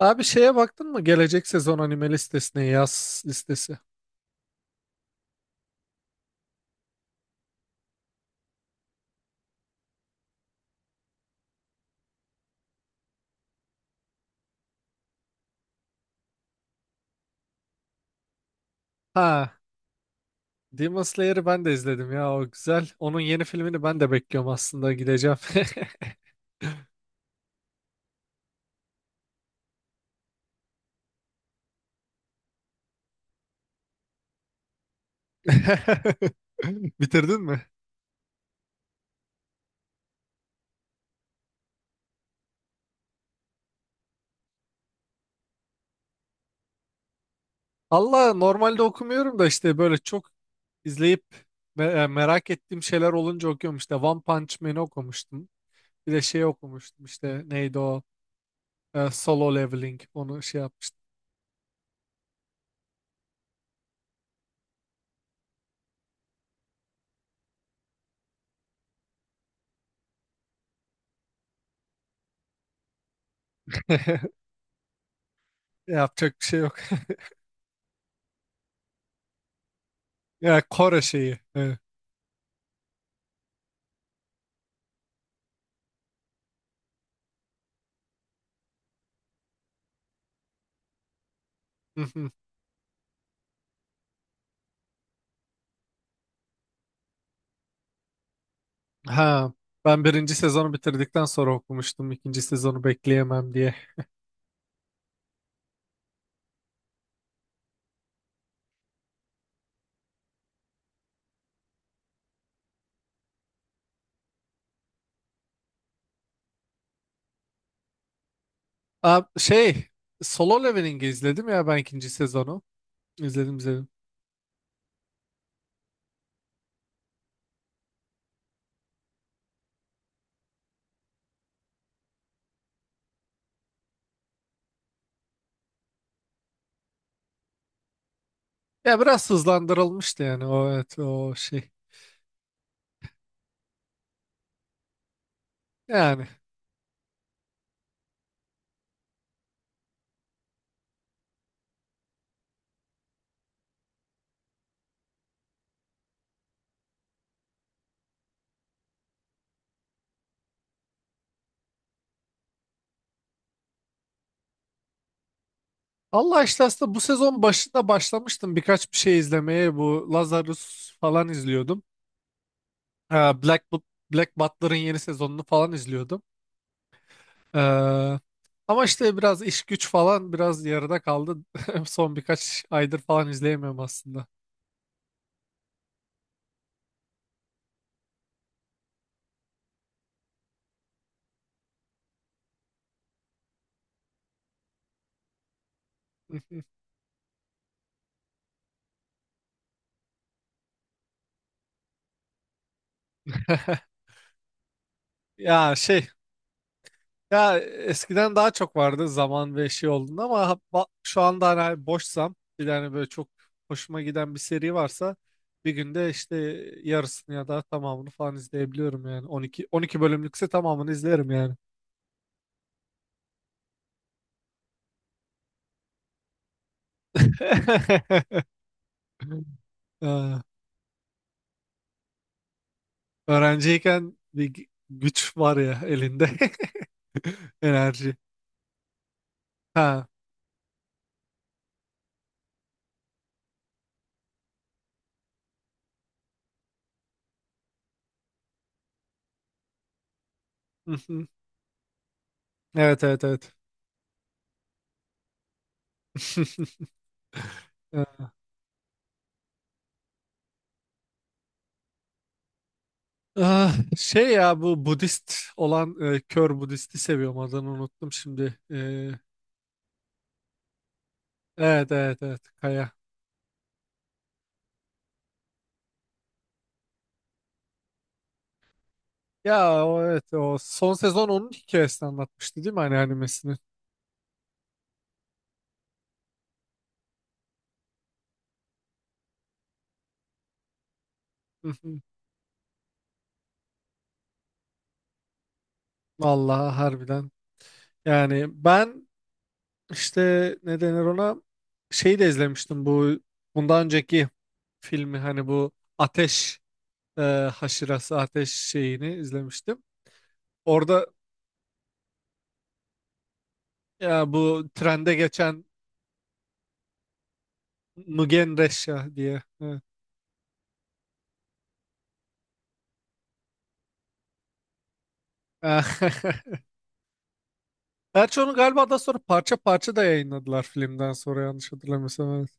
Abi şeye baktın mı? Gelecek sezon anime listesine yaz listesi. Ha, Demon Slayer'ı ben de izledim ya o güzel. Onun yeni filmini ben de bekliyorum aslında gideceğim. Bitirdin mi? Allah normalde okumuyorum da işte böyle çok izleyip merak ettiğim şeyler olunca okuyorum, işte One Punch Man'i okumuştum. Bir de şey okumuştum, işte neydi o Solo Leveling, onu şey yapmıştım. Yapacak bir şey yok. Ya Kore şeyi. Evet. Ha, ben birinci sezonu bitirdikten sonra okumuştum. İkinci sezonu bekleyemem diye. Aa, şey, Solo Leveling'i izledim ya, ben ikinci sezonu. İzledim izledim. Ya biraz hızlandırılmıştı, yani o evet o şey. Yani Allah işte aslında bu sezon başında başlamıştım birkaç bir şey izlemeye. Bu Lazarus falan izliyordum. Black, Black Butler'ın yeni sezonunu falan izliyordum. Ee, ama işte biraz iş güç falan biraz yarıda kaldı. Son birkaç aydır falan izleyemiyorum aslında. Ya şey, ya eskiden daha çok vardı zaman ve şey olduğunda, ama şu anda hani boşsam bir tane böyle çok hoşuma giden bir seri varsa bir günde işte yarısını ya da tamamını falan izleyebiliyorum, yani 12 bölümlükse tamamını izlerim yani. Ha, Öğrenciyken güç var ya elinde, enerji. Ha. Evet, evet, evet. Ah, şey, ya bu Budist olan, kör Budist'i seviyorum, adını unuttum şimdi. Evet, evet, evet, Kaya. Ya o evet, o son sezon onun hikayesini anlatmıştı değil mi, hani animesini? Hı hı. Vallahi harbiden. Yani ben işte, ne denir ona, şeyi de izlemiştim, bu bundan önceki filmi, hani bu ateş, e, haşırası, ateş şeyini izlemiştim. Orada, ya bu trende geçen Mugen Resha diye. Evet. Eh, Gerçi onu galiba daha sonra parça parça da yayınladılar filmden sonra, yanlış hatırlamıyorsam. Evet.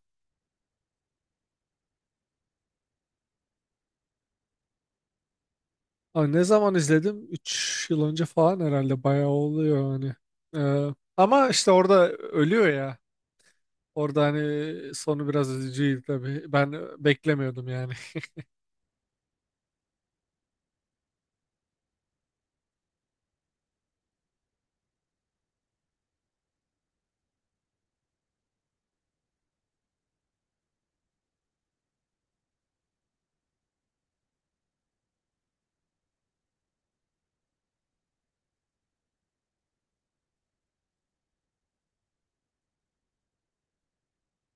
Ay, ne zaman izledim? 3 yıl önce falan herhalde, bayağı oluyor hani. Ee, ama işte orada ölüyor ya. Orada hani sonu biraz üzücüydü tabii. Ben beklemiyordum yani.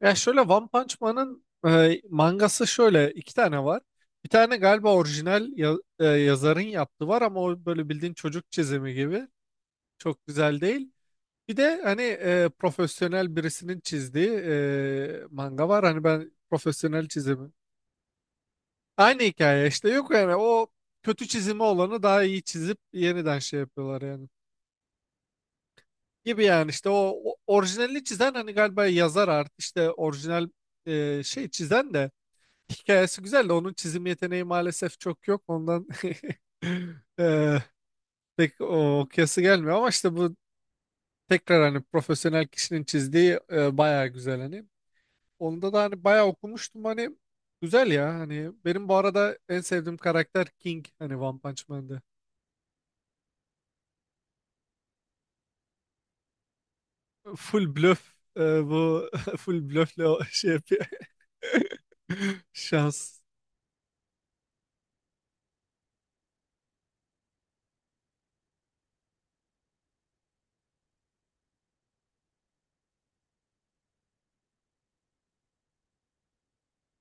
Ya şöyle, One Punch Man'ın mangası şöyle, iki tane var. Bir tane galiba orijinal yazarın yaptığı var, ama o böyle bildiğin çocuk çizimi gibi. Çok güzel değil. Bir de hani profesyonel birisinin çizdiği manga var. Hani ben profesyonel çizimi. Aynı hikaye işte, yok yani o kötü çizimi olanı daha iyi çizip yeniden şey yapıyorlar yani. Gibi yani, işte o, o orijinalini çizen hani galiba yazar artık, işte orijinal şey çizen de hikayesi güzel de, onun çizim yeteneği maalesef çok yok. Ondan e, pek o kıyası gelmiyor, ama işte bu tekrar hani profesyonel kişinin çizdiği bayağı güzel hani. Onda da hani bayağı okumuştum hani, güzel ya. Hani benim bu arada en sevdiğim karakter King, hani One Punch Man'de. Full bluff, bu full bluffle o şey yapıyor. Şans.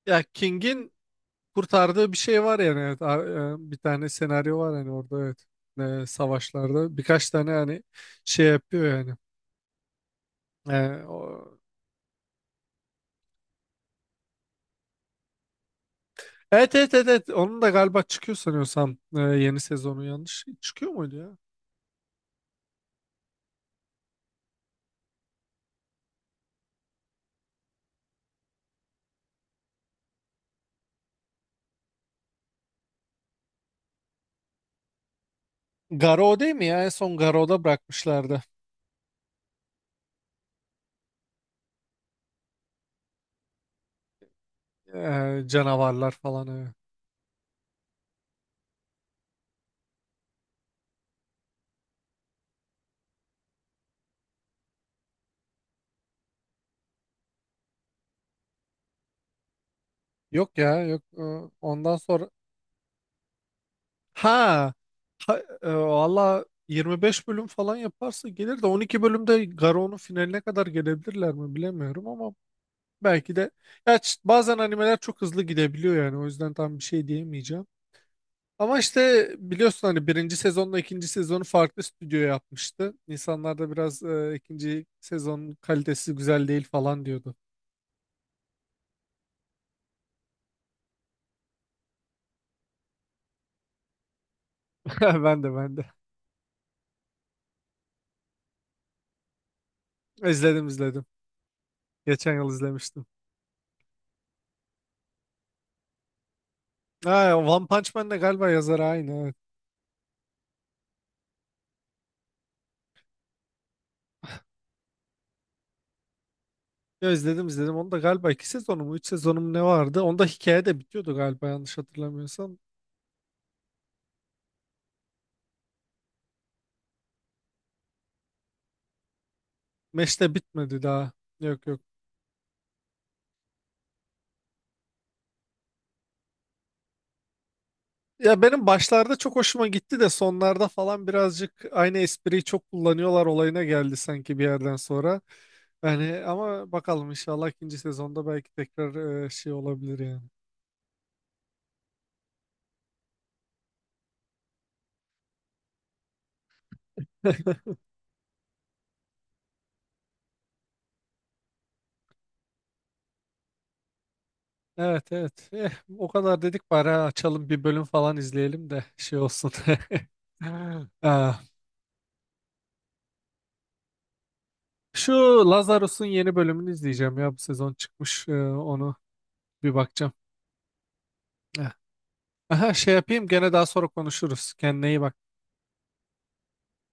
Ya King'in kurtardığı bir şey var yani, evet. Bir tane senaryo var yani orada, evet. Savaşlarda birkaç tane hani şey yapıyor yani. E, o... Evet, evet, evet, evet. Onun da galiba çıkıyor sanıyorsam, yeni sezonu yanlış. Çıkıyor muydu ya? Garo değil mi ya? En son Garo'da bırakmışlardı. Canavarlar falan. Evet. Yok ya, yok. Ondan sonra ha, valla 25 bölüm falan yaparsa gelir, de 12 bölümde Garo'nun finaline kadar gelebilirler mi bilemiyorum, ama belki de, bazen animeler çok hızlı gidebiliyor, yani o yüzden tam bir şey diyemeyeceğim. Ama işte biliyorsun hani birinci sezonla ikinci sezonu farklı stüdyo yapmıştı. İnsanlar da biraz ikinci sezonun kalitesi güzel değil falan diyordu. Ben de, ben de. İzledim izledim. Geçen yıl izlemiştim. Ha, One Punch Man de galiba yazarı aynı. Evet. Ya izledim izledim. Onu da galiba iki sezonu mu üç sezonu mu ne vardı? Onda hikaye de bitiyordu galiba, yanlış hatırlamıyorsam. Mesh de bitmedi daha. Yok yok. Ya benim başlarda çok hoşuma gitti de, sonlarda falan birazcık aynı espriyi çok kullanıyorlar olayına geldi sanki bir yerden sonra. Yani, ama bakalım, inşallah ikinci sezonda belki tekrar şey olabilir yani. Evet, evet. Eh, o kadar dedik bari ha, açalım bir bölüm falan izleyelim de şey olsun. Ah, Şu Lazarus'un yeni bölümünü izleyeceğim ya, bu sezon çıkmış. Onu bir bakacağım. Eh. Aha, şey yapayım, gene daha sonra konuşuruz. Kendine iyi bak.